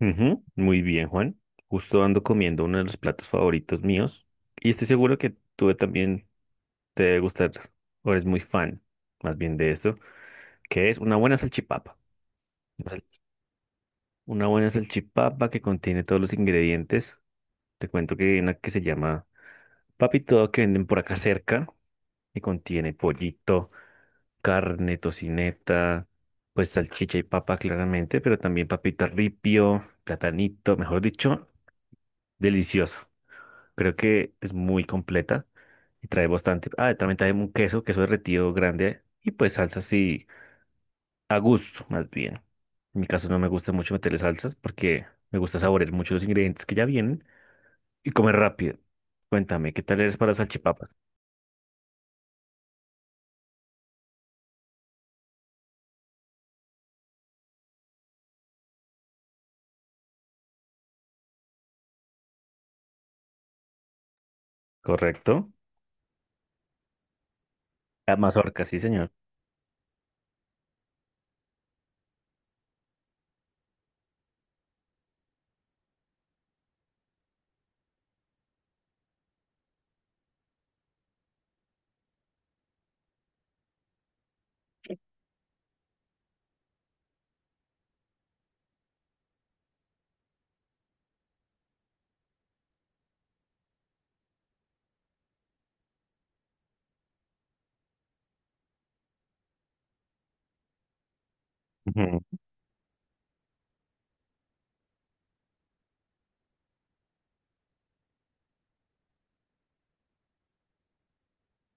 Ujú, muy bien, Juan. Justo ando comiendo uno de los platos favoritos míos y estoy seguro que tú también te debe gustar o eres muy fan más bien de esto, que es una buena salchipapa. Una sal- una buena salchipapa que contiene todos los ingredientes. Te cuento que hay una que se llama Papito que venden por acá cerca y contiene pollito, carne, tocineta, pues salchicha y papa claramente, pero también papita ripio, platanito, mejor dicho, delicioso. Creo que es muy completa y trae bastante. Ah, también trae un queso, queso derretido grande y pues salsas así a gusto, más bien. En mi caso no me gusta mucho meterle salsas porque me gusta saborear mucho los ingredientes que ya vienen y comer rápido. Cuéntame, ¿qué tal eres para salchipapas? ¿Correcto? La mazorca, sí, señor. Ujú.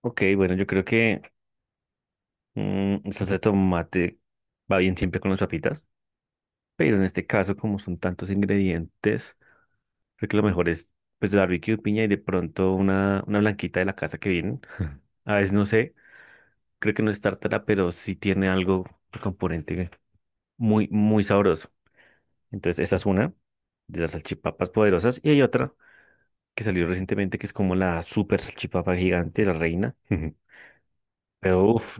Ok, bueno, yo creo que salsa de tomate va bien siempre con las papitas, pero en este caso, como son tantos ingredientes. Creo que lo mejor es, pues, el barbecue, de piña y de pronto una blanquita de la casa que vienen. A veces no sé, creo que no es tártara, pero sí tiene algo, un componente muy, muy sabroso. Entonces, esa es una de las salchipapas poderosas. Y hay otra que salió recientemente, que es como la super salchipapa gigante, la reina. Pero, uff,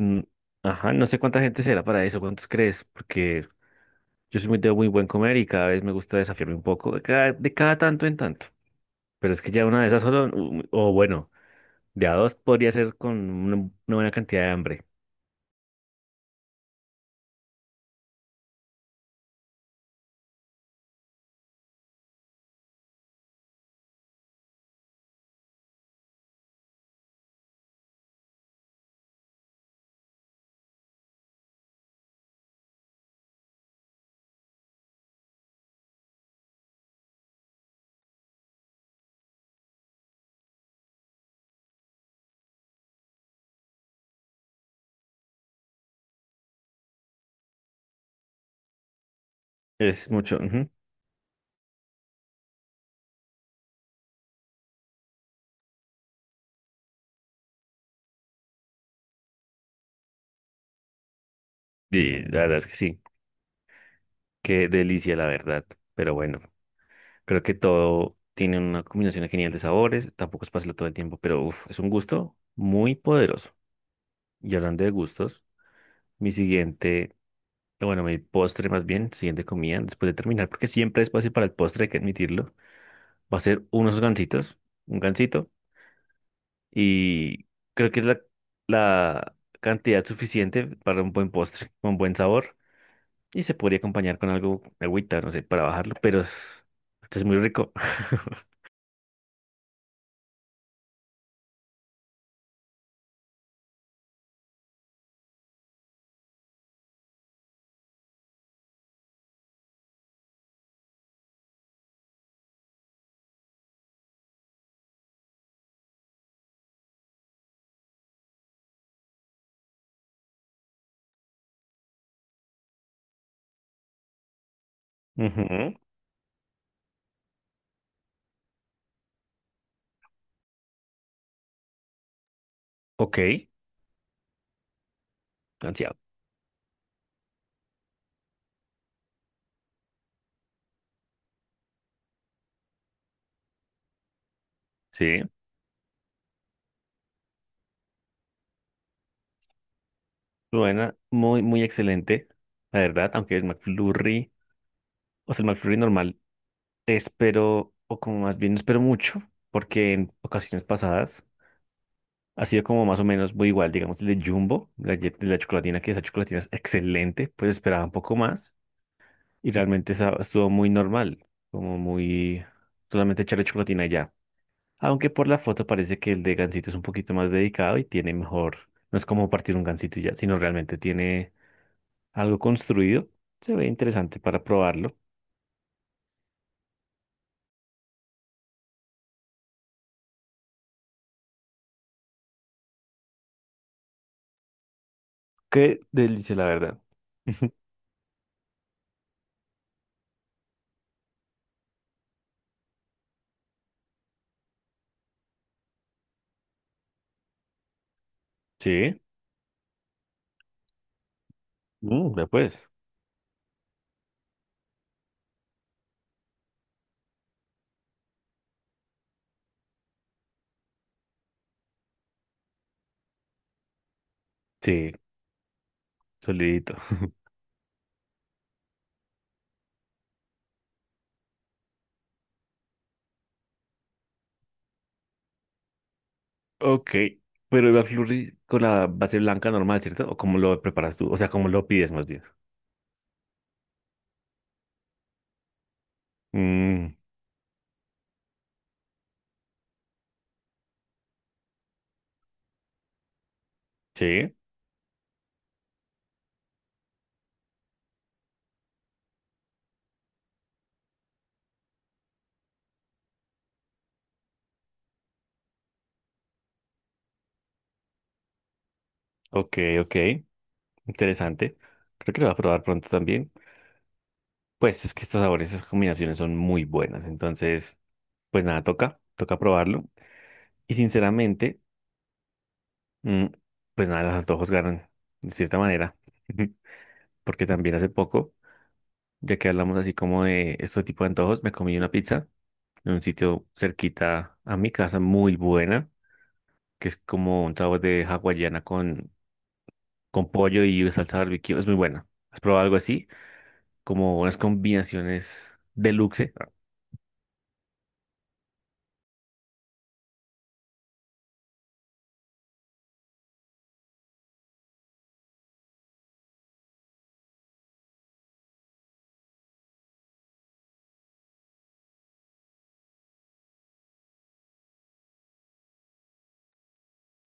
ajá, no sé cuánta gente será para eso, cuántos crees, porque yo soy muy de muy buen comer y cada vez me gusta desafiarme un poco, de cada tanto en tanto. Pero es que ya una de esas solo, o bueno. De a dos podría ser con una buena cantidad de hambre. Es mucho. Ujú. Y la verdad es que sí. Qué delicia, la verdad. Pero bueno, creo que todo tiene una combinación genial de sabores. Tampoco es pasarlo todo el tiempo, pero uf, es un gusto muy poderoso. Y hablando de gustos, mi siguiente, bueno, mi postre más bien, siguiente comida, después de terminar, porque siempre es fácil para el postre, hay que admitirlo, va a ser unos gansitos. Un gansito y creo que es la cantidad suficiente para un buen postre, con buen sabor y se podría acompañar con algo, agüita, no sé, para bajarlo, pero esto es muy rico. Ujú. Ok. Ansiado. Sí, buena, muy, muy excelente, la verdad, aunque el McFlurry, o sea, el McFlurry normal, te espero, o como más bien no espero mucho, porque en ocasiones pasadas ha sido como más o menos muy igual, digamos, el de Jumbo, la chocolatina, que esa chocolatina es excelente, pues esperaba un poco más y realmente esa estuvo muy normal, como muy solamente echarle chocolatina y ya. Aunque por la foto parece que el de Gansito es un poquito más dedicado y tiene mejor, no es como partir un Gansito y ya, sino realmente tiene algo construido. Se ve interesante para probarlo. Qué delicia, la verdad. Sí, mm, ya pues. Sí, solidito. Ok, pero el McFlurry con la base blanca normal, ¿cierto? ¿O cómo lo preparas tú? O sea, ¿cómo lo pides más bien? Mm, sí, ok, ok, interesante. Creo que lo voy a probar pronto también. Pues es que estos sabores, esas combinaciones son muy buenas. Entonces, pues nada, toca, toca probarlo. Y sinceramente, mm, pues nada, los antojos ganan, de cierta manera. Porque también hace poco, ya que hablamos así como de este tipo de antojos, me comí una pizza en un sitio cerquita a mi casa, muy buena, que es como un sabor de hawaiana con, pollo y salsa barbecue. Es muy buena. ¿Has probado algo así? Como unas combinaciones deluxe.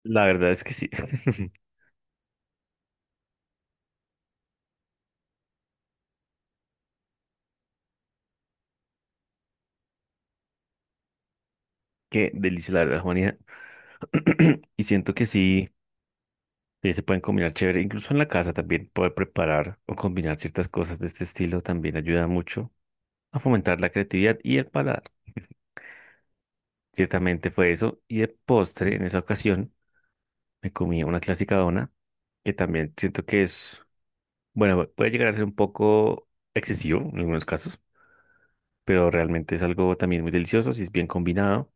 La verdad es que sí. Qué delicia, la verdad, Juanita. Y siento que sí, se pueden combinar chévere. Incluso en la casa también poder preparar o combinar ciertas cosas de este estilo también ayuda mucho a fomentar la creatividad y el paladar. Ciertamente fue eso. Y de postre, en esa ocasión, me comí una clásica dona, que también siento que es bueno, puede llegar a ser un poco excesivo en algunos casos, pero realmente es algo también muy delicioso si es bien combinado.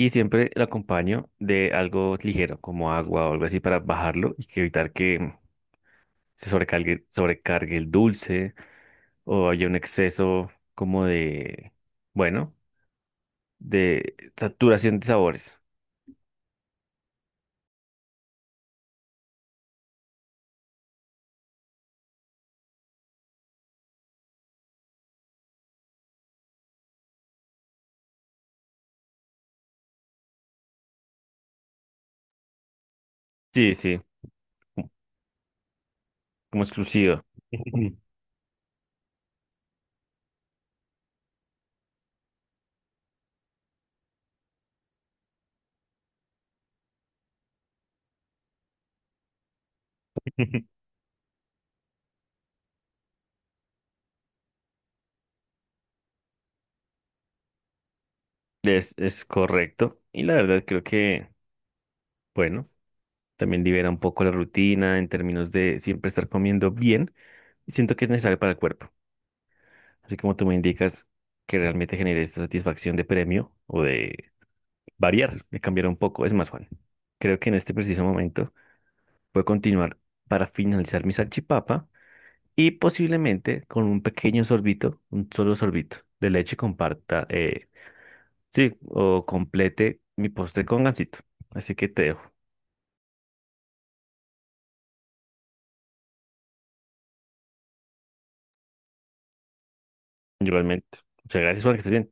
Y siempre lo acompaño de algo ligero, como agua o algo así, para bajarlo y que evitar que se sobrecargue, sobrecargue el dulce o haya un exceso como de, bueno, de saturación de sabores. Sí, sí, como como exclusivo. Es correcto. Y la verdad creo que, bueno. También libera un poco la rutina en términos de siempre estar comiendo bien. Y siento que es necesario para el cuerpo. Así como tú me indicas que realmente genere esta satisfacción de premio o de variar, de cambiar un poco. Es más, Juan, creo que en este preciso momento voy a continuar para finalizar mi salchipapa y posiblemente con un pequeño sorbito, un solo sorbito de leche comparta, sí, o complete mi postre con gansito. Así que te dejo, igualmente. Muchas gracias, Juan, que estés bien.